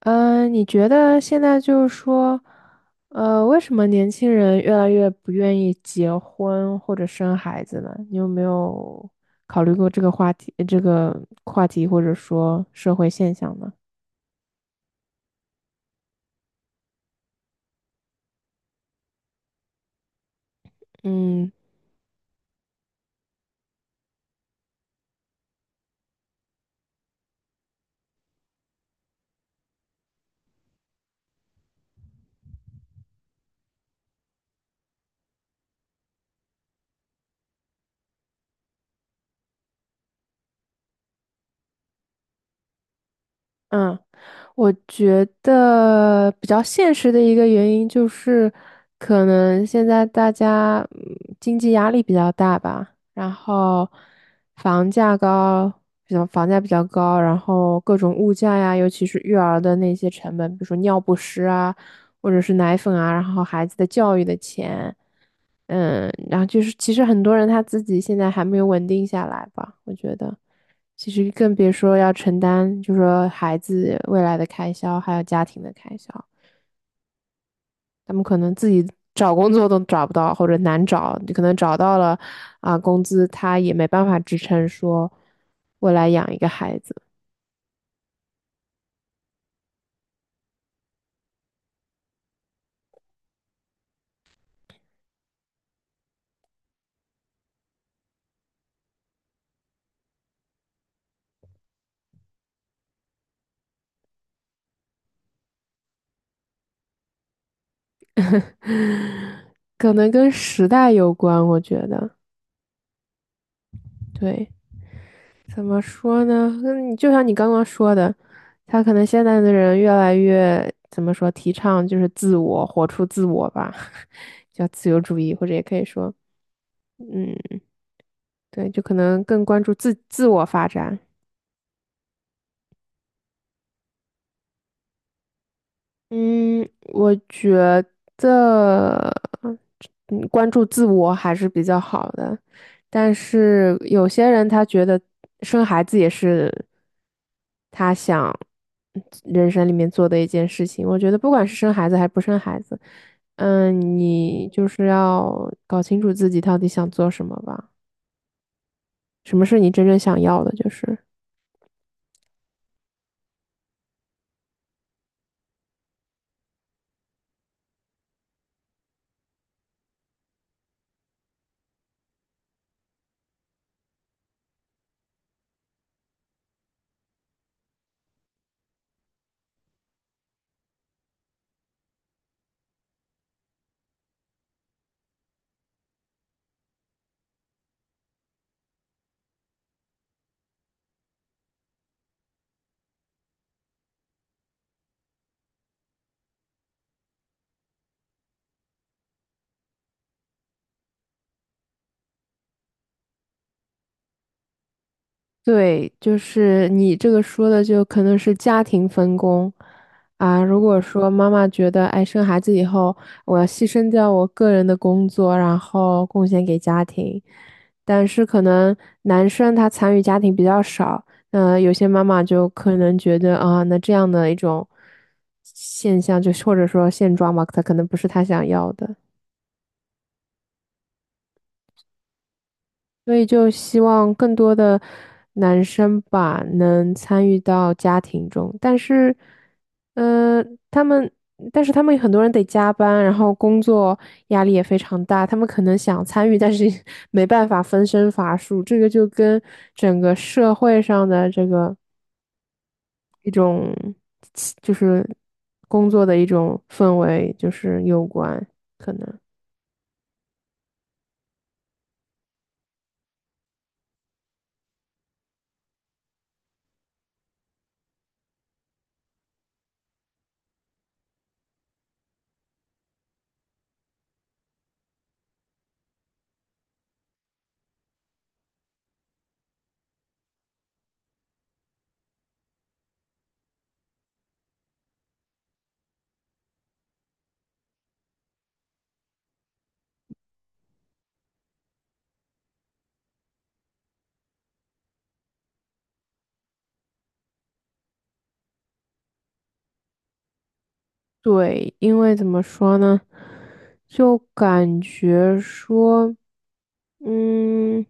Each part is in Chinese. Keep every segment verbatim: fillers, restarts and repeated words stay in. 嗯，呃你觉得现在就是说，呃，为什么年轻人越来越不愿意结婚或者生孩子呢？你有没有考虑过这个话题，这个话题或者说社会现象呢？嗯嗯。我觉得比较现实的一个原因就是，可能现在大家嗯经济压力比较大吧，然后房价高，比较房价比较高，然后各种物价呀，尤其是育儿的那些成本，比如说尿不湿啊，或者是奶粉啊，然后孩子的教育的钱。嗯，然后就是，其实很多人他自己现在还没有稳定下来吧，我觉得，其实更别说要承担，就说孩子未来的开销，还有家庭的开销，他们可能自己找工作都找不到，或者难找，你可能找到了，啊、工资他也没办法支撑说未来养一个孩子，可能跟时代有关，我觉得，对。怎么说呢？嗯，就像你刚刚说的，他可能现在的人越来越怎么说，提倡就是自我，活出自我吧，叫自由主义，或者也可以说，嗯，对，就可能更关注自自我发展。嗯，我觉得，嗯，关注自我还是比较好的，但是有些人他觉得生孩子也是他想嗯人生里面做的一件事情。我觉得不管是生孩子还是不生孩子，嗯，你就是要搞清楚自己到底想做什么吧，什么是你真正想要的，就是。对，就是你这个说的，就可能是家庭分工啊。如果说妈妈觉得，哎，生孩子以后我要牺牲掉我个人的工作，然后贡献给家庭，但是可能男生他参与家庭比较少，那有些妈妈就可能觉得啊、那这样的一种现象，就是或者说现状吧，他可能不是他想要的。所以就希望更多的男生吧能参与到家庭中，但是，呃，他们，但是他们很多人得加班，然后工作压力也非常大，他们可能想参与，但是 没办法分身乏术，这个就跟整个社会上的这个一种就是工作的一种氛围就是有关，可能。对，因为怎么说呢，就感觉说，嗯，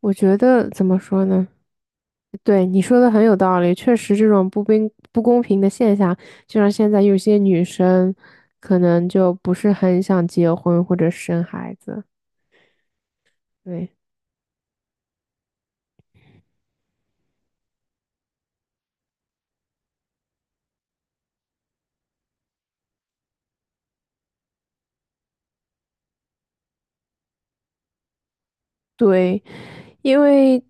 我觉得怎么说呢？对，你说的很有道理，确实这种不公不公平的现象，就像现在有些女生可能就不是很想结婚或者生孩子。对。对，因为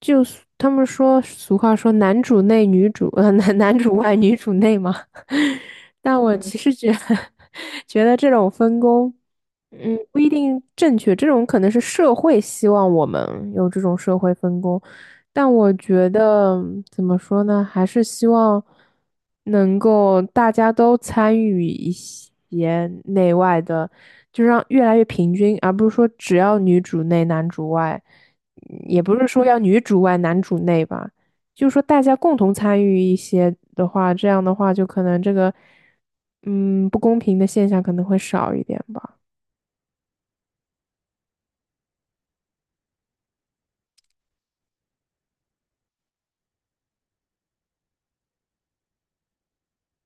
就是他们说俗话说男主内女主，呃，男男主外女主内嘛。但我嗯其实觉 得觉得这种分工，嗯，不一定正确。这种可能是社会希望我们有这种社会分工，但我觉得怎么说呢，还是希望能够大家都参与一些内外的，就让越来越平均，而不是说只要女主内男主外，嗯也不是说要女主外男主内吧，就是说大家共同参与一些的话，这样的话就可能这个嗯不公平的现象可能会少一点吧。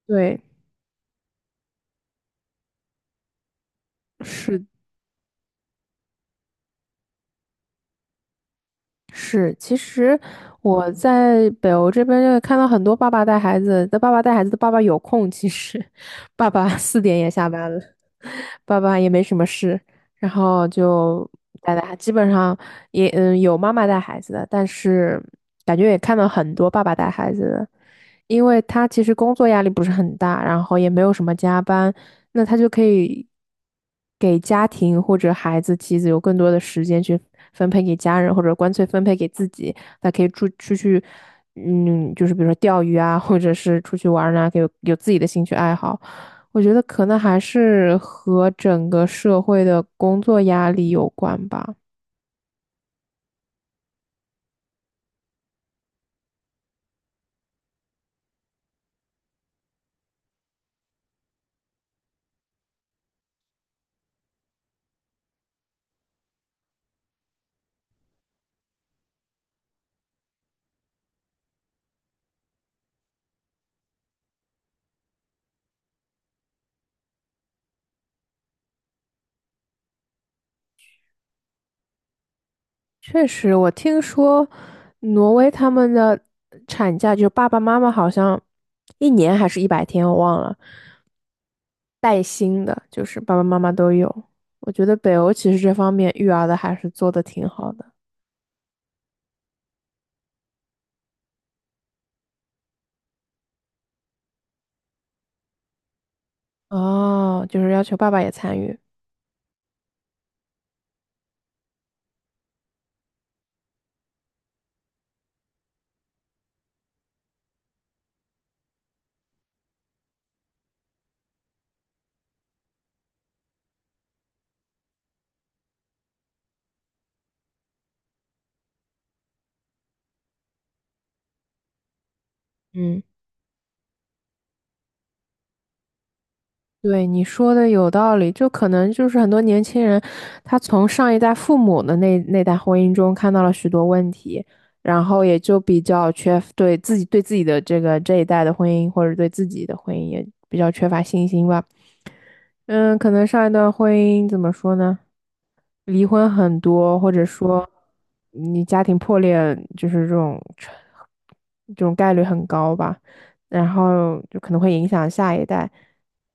对，是是，其实我在北欧这边就看到很多爸爸带孩子的，爸爸带孩子的爸爸有空，其实 爸爸四点也下班了，爸爸也没什么事，然后就带带孩，基本上也嗯有妈妈带孩子的，但是感觉也看到很多爸爸带孩子的，因为他其实工作压力不是很大，然后也没有什么加班，那他就可以给家庭或者孩子、妻子有更多的时间去分配给家人，或者干脆分配给自己。他可以出出去，嗯，就是比如说钓鱼啊，或者是出去玩儿啊，有有自己的兴趣爱好。我觉得可能还是和整个社会的工作压力有关吧。确实，我听说挪威他们的产假，就爸爸妈妈好像一年还是一百天，我忘了。带薪的，就是爸爸妈妈都有。我觉得北欧其实这方面育儿的还是做的挺好的。哦，就是要求爸爸也参与。嗯，对，你说的有道理，就可能就是很多年轻人，他从上一代父母的那那代婚姻中看到了许多问题，然后也就比较缺对自己对自己的这个这一代的婚姻或者对自己的婚姻也比较缺乏信心吧。嗯，可能上一段婚姻怎么说呢？离婚很多，或者说你家庭破裂，就是这种这种概率很高吧。然后就可能会影响下一代。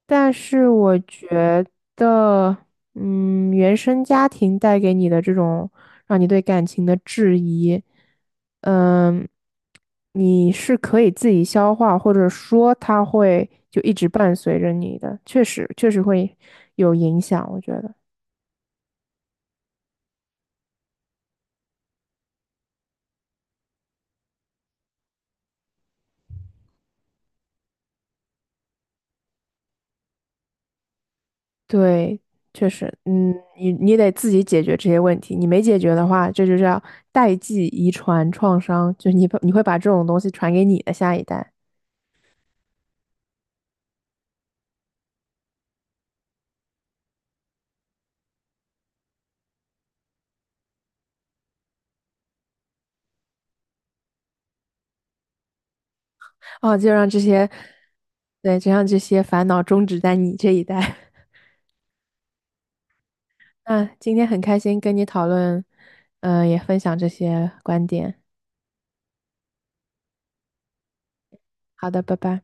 但是我觉得，嗯，原生家庭带给你的这种让你对感情的质疑，嗯，你是可以自己消化，或者说它会就一直伴随着你的，确实确实会有影响，我觉得。对，确实，嗯，你你得自己解决这些问题，你没解决的话，这就叫代际遗传创伤，就你把你会把这种东西传给你的下一代，哦，就让这些，对，就让这些烦恼终止在你这一代。那今天很开心跟你讨论，嗯、也分享这些观点。好的，拜拜。